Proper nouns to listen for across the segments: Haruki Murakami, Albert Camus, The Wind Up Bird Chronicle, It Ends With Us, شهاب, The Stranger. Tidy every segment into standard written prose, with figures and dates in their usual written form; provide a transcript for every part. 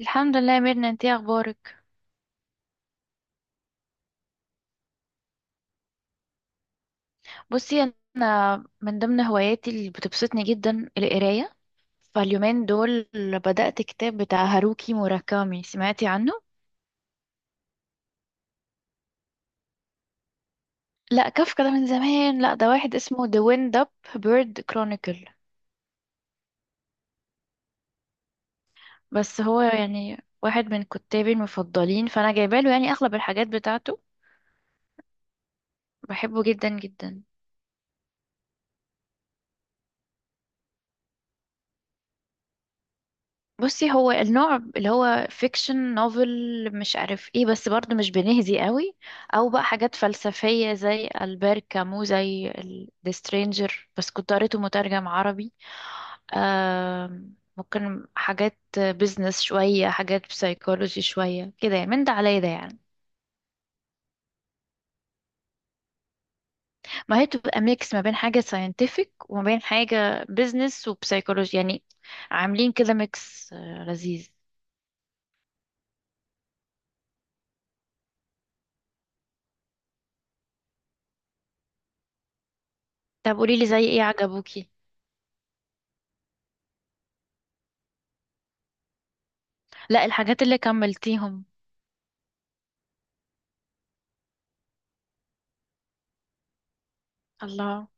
الحمد لله يا ميرنا، انتي إيه اخبارك؟ بصي، انا من ضمن هواياتي اللي بتبسطني جدا القرايه. فاليومين دول بدأت كتاب بتاع هاروكي موراكامي، سمعتي عنه؟ لا، كافكا ده من زمان، لا ده واحد اسمه The Wind Up Bird Chronicle. بس هو يعني واحد من كتابي المفضلين، فانا جايباله يعني اغلب الحاجات بتاعته. بحبه جدا جدا. بصي، هو النوع اللي هو فيكشن نوفل، مش عارف ايه، بس برضه مش بنهزي قوي. او بقى حاجات فلسفية زي ألبير كامو، زي ذا سترينجر، بس كنت قريته مترجم عربي. ممكن حاجات بيزنس شوية، حاجات بسايكولوجي شوية، كده يعني من ده على ده يعني. ما هي بتبقى ميكس ما بين حاجة ساينتفك وما بين حاجة بيزنس وبسايكولوجي يعني، عاملين كده ميكس، لذيذ. طب قوليلي زي ايه عجبوكي؟ لا، الحاجات اللي كملتيهم. الله.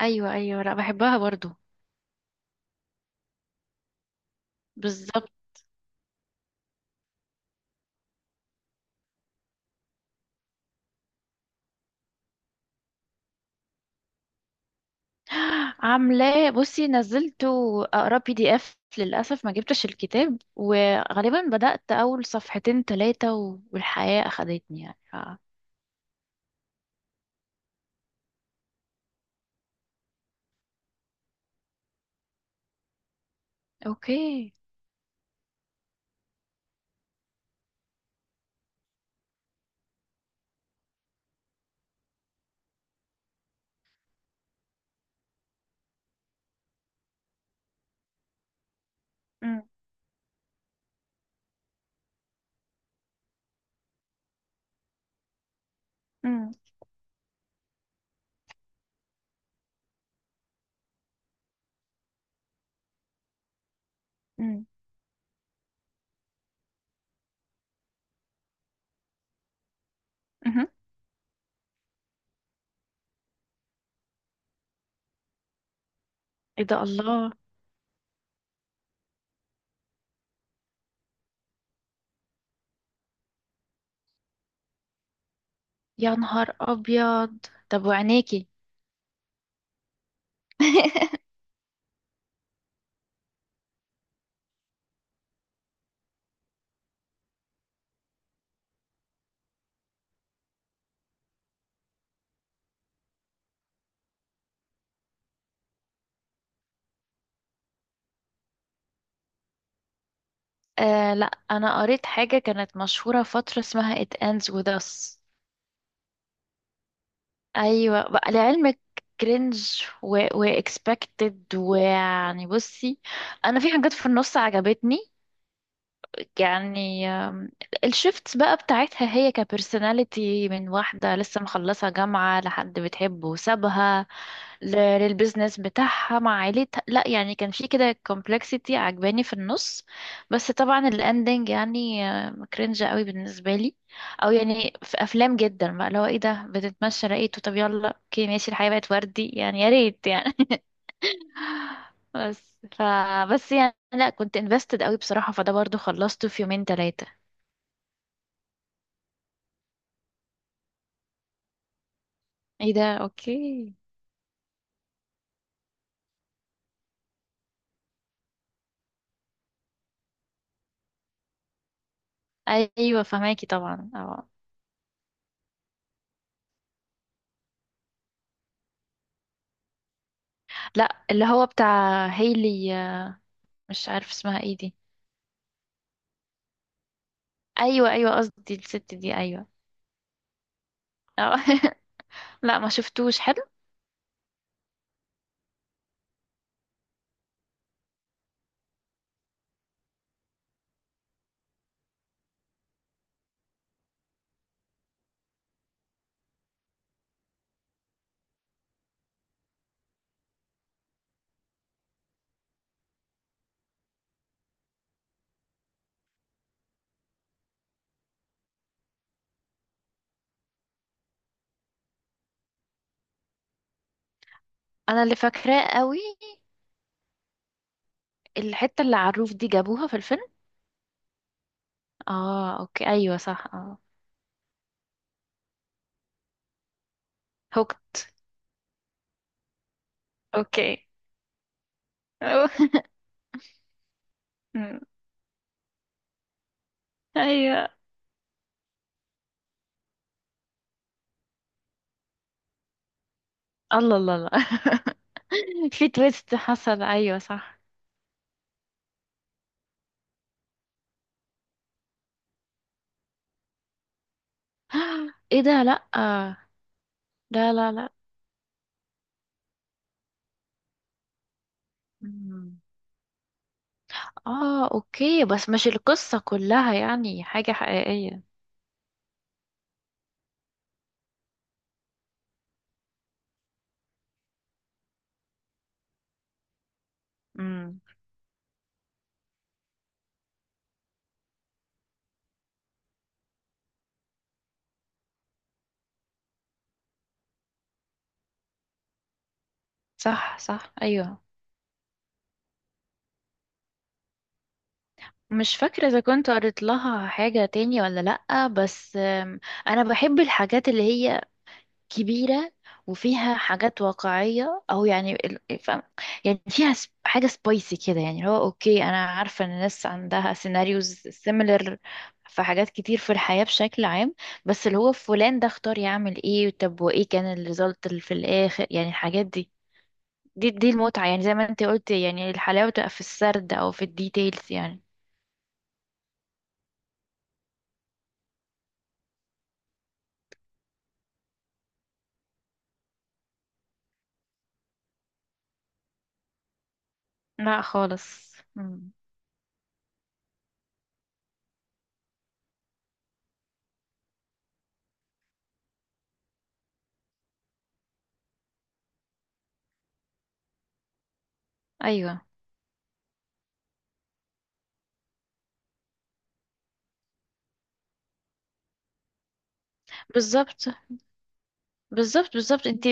ايوه ايوه، لا بحبها برضو. بالظبط. عاملاه، بصي نزلت اقرا بي دي اف للاسف، ما جبتش الكتاب، وغالبا بدات اول صفحتين ثلاثه والحياه اخدتني يعني اوكي. أم، أم، أم، مهم. ايه ده، الله. يا نهار ابيض. طب وعينيكي؟ آه لا، انا قريت حاجه كانت مشهوره فتره اسمها It Ends With Us. ايوه بقى لعلمك، كرنج واكسبكتد، ويعني بصي انا في حاجات في النص عجبتني. يعني الشيفت بقى بتاعتها هي كبرسوناليتي من واحدة لسه مخلصة جامعة لحد بتحبه وسابها للبيزنس بتاعها مع عيلتها. لا يعني كان في كده كومبلكسيتي عجباني في النص. بس طبعا الاندنج يعني كرنج قوي بالنسبة لي. او يعني في افلام جدا بقى لو ايه ده بتتمشى لقيته، طب يلا اوكي ماشي، الحياة بقت وردي يعني، يا ريت يعني. بس ف بس يعني لا، كنت invested قوي بصراحة، فده برضو خلصته في يومين ثلاثة. ايه ده، اوكي. ايوه فهماكي طبعا، اه. لا اللي هو بتاع هيلي، مش عارف اسمها ايه دي. ايوه ايوه، قصدي الست دي، ايوه. اه. لا، ما شفتوش، حلو. انا اللي فاكراه قوي الحتة اللي على الروف دي، جابوها في الفيلم. اه اوكي، ايوه صح، اه. هوكت. اوكي. أوه. ايوه. الله الله الله، في تويست حصل ايوه صح. ايه ده، لا. لا لا لا. مم. اه اوكي، بس مش القصة كلها يعني حاجة حقيقية؟ امم. صح صح، ايوه. مش فاكرة اذا كنت قريت لها حاجة تاني ولا لأ، بس انا بحب الحاجات اللي هي كبيرة، وفيها حاجات واقعية أو يعني فاهم يعني. فيها حاجة سبايسي كده يعني. هو أوكي، أنا عارفة إن الناس عندها سيناريوز سيميلر في حاجات كتير في الحياة بشكل عام. بس اللي هو فلان ده اختار يعمل ايه؟ طب وإيه كان الريزلت اللي في الآخر؟ يعني الحاجات دي، دي المتعة يعني. زي ما انت قلت، يعني الحلاوة تبقى في السرد أو في الديتيلز يعني. لا خالص. مم. أيوه. بالظبط، بالظبط انت.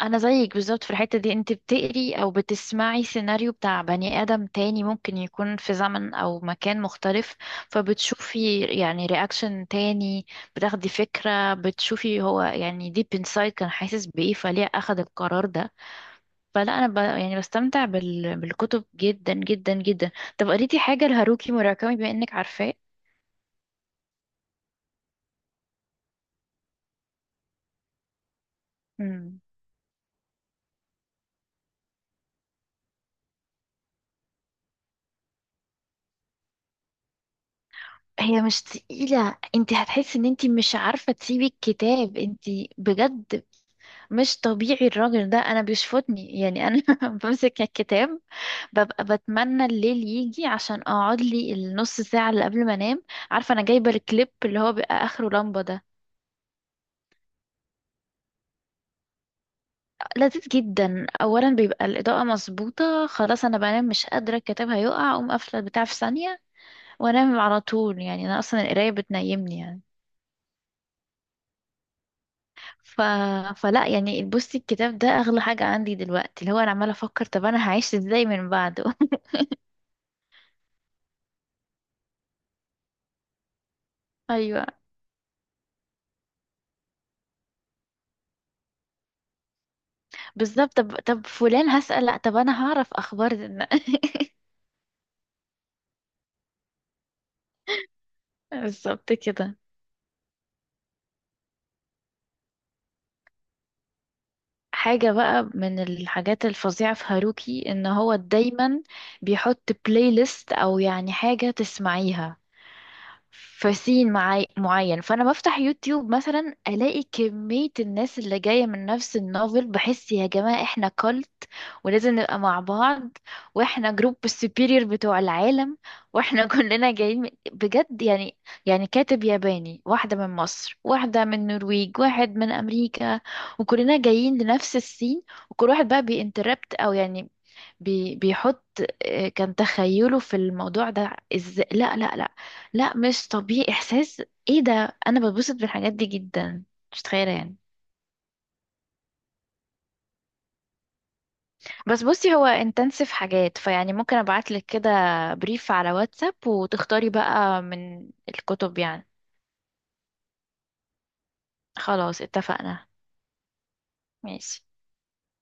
انا زيك بالظبط في الحتة دي. انت بتقري او بتسمعي سيناريو بتاع بني ادم تاني، ممكن يكون في زمن او مكان مختلف، فبتشوفي يعني رياكشن تاني، بتاخدي فكرة، بتشوفي هو يعني ديب انسايد كان حاسس بايه، فليه اخد القرار ده. فلا انا يعني بستمتع بالكتب جدا جدا جدا. طب قريتي حاجة لهاروكي موراكامي بما انك عارفاه؟ مم. هي مش تقيلة، انت هتحسي ان انت مش عارفة تسيبي الكتاب. انت؟ بجد. مش طبيعي الراجل ده، انا بيشفطني يعني، انا بمسك الكتاب، ببقى بتمنى الليل يجي عشان اقعد لي النص ساعة اللي قبل ما انام. عارفة انا جايبة الكليب اللي هو بيبقى اخره لمبة ده؟ لذيذ جدا. اولا بيبقى الاضاءة مظبوطة، خلاص انا بنام مش قادرة، الكتاب هيقع، اقوم قافلة البتاع في ثانية وانام على طول. يعني انا اصلا القراية بتنيمني يعني ف... فلا يعني، بصي، الكتاب ده اغلى حاجة عندي دلوقتي، اللي هو انا عمالة افكر طب انا هعيش ازاي من بعده. ايوه بالظبط. طب طب فلان هسأل لأ، طب أنا هعرف أخبار بالظبط كده. حاجة بقى من الحاجات الفظيعة في هاروكي إن هو دايما بيحط بلاي ليست أو يعني حاجة تسمعيها في سين معين. فانا بفتح يوتيوب مثلا، الاقي كمية الناس اللي جاية من نفس النوفل، بحس يا جماعة احنا كولت، ولازم نبقى مع بعض، واحنا جروب السوبيريور بتوع العالم، واحنا كلنا جايين بجد يعني. يعني كاتب ياباني، واحدة من مصر، واحدة من النرويج، واحد من امريكا، وكلنا جايين لنفس السين، وكل واحد بقى بينتربت او يعني بيحط، كان تخيله في الموضوع ده ازاي. لا لا لا، لا مش طبيعي احساس. ايه ده، انا بتبسط بالحاجات دي جدا، مش متخيله يعني. بس بصي هو انتنسيف حاجات، فيعني ممكن ابعتلك كده بريف على واتساب، وتختاري بقى من الكتب يعني. خلاص اتفقنا. ماشي.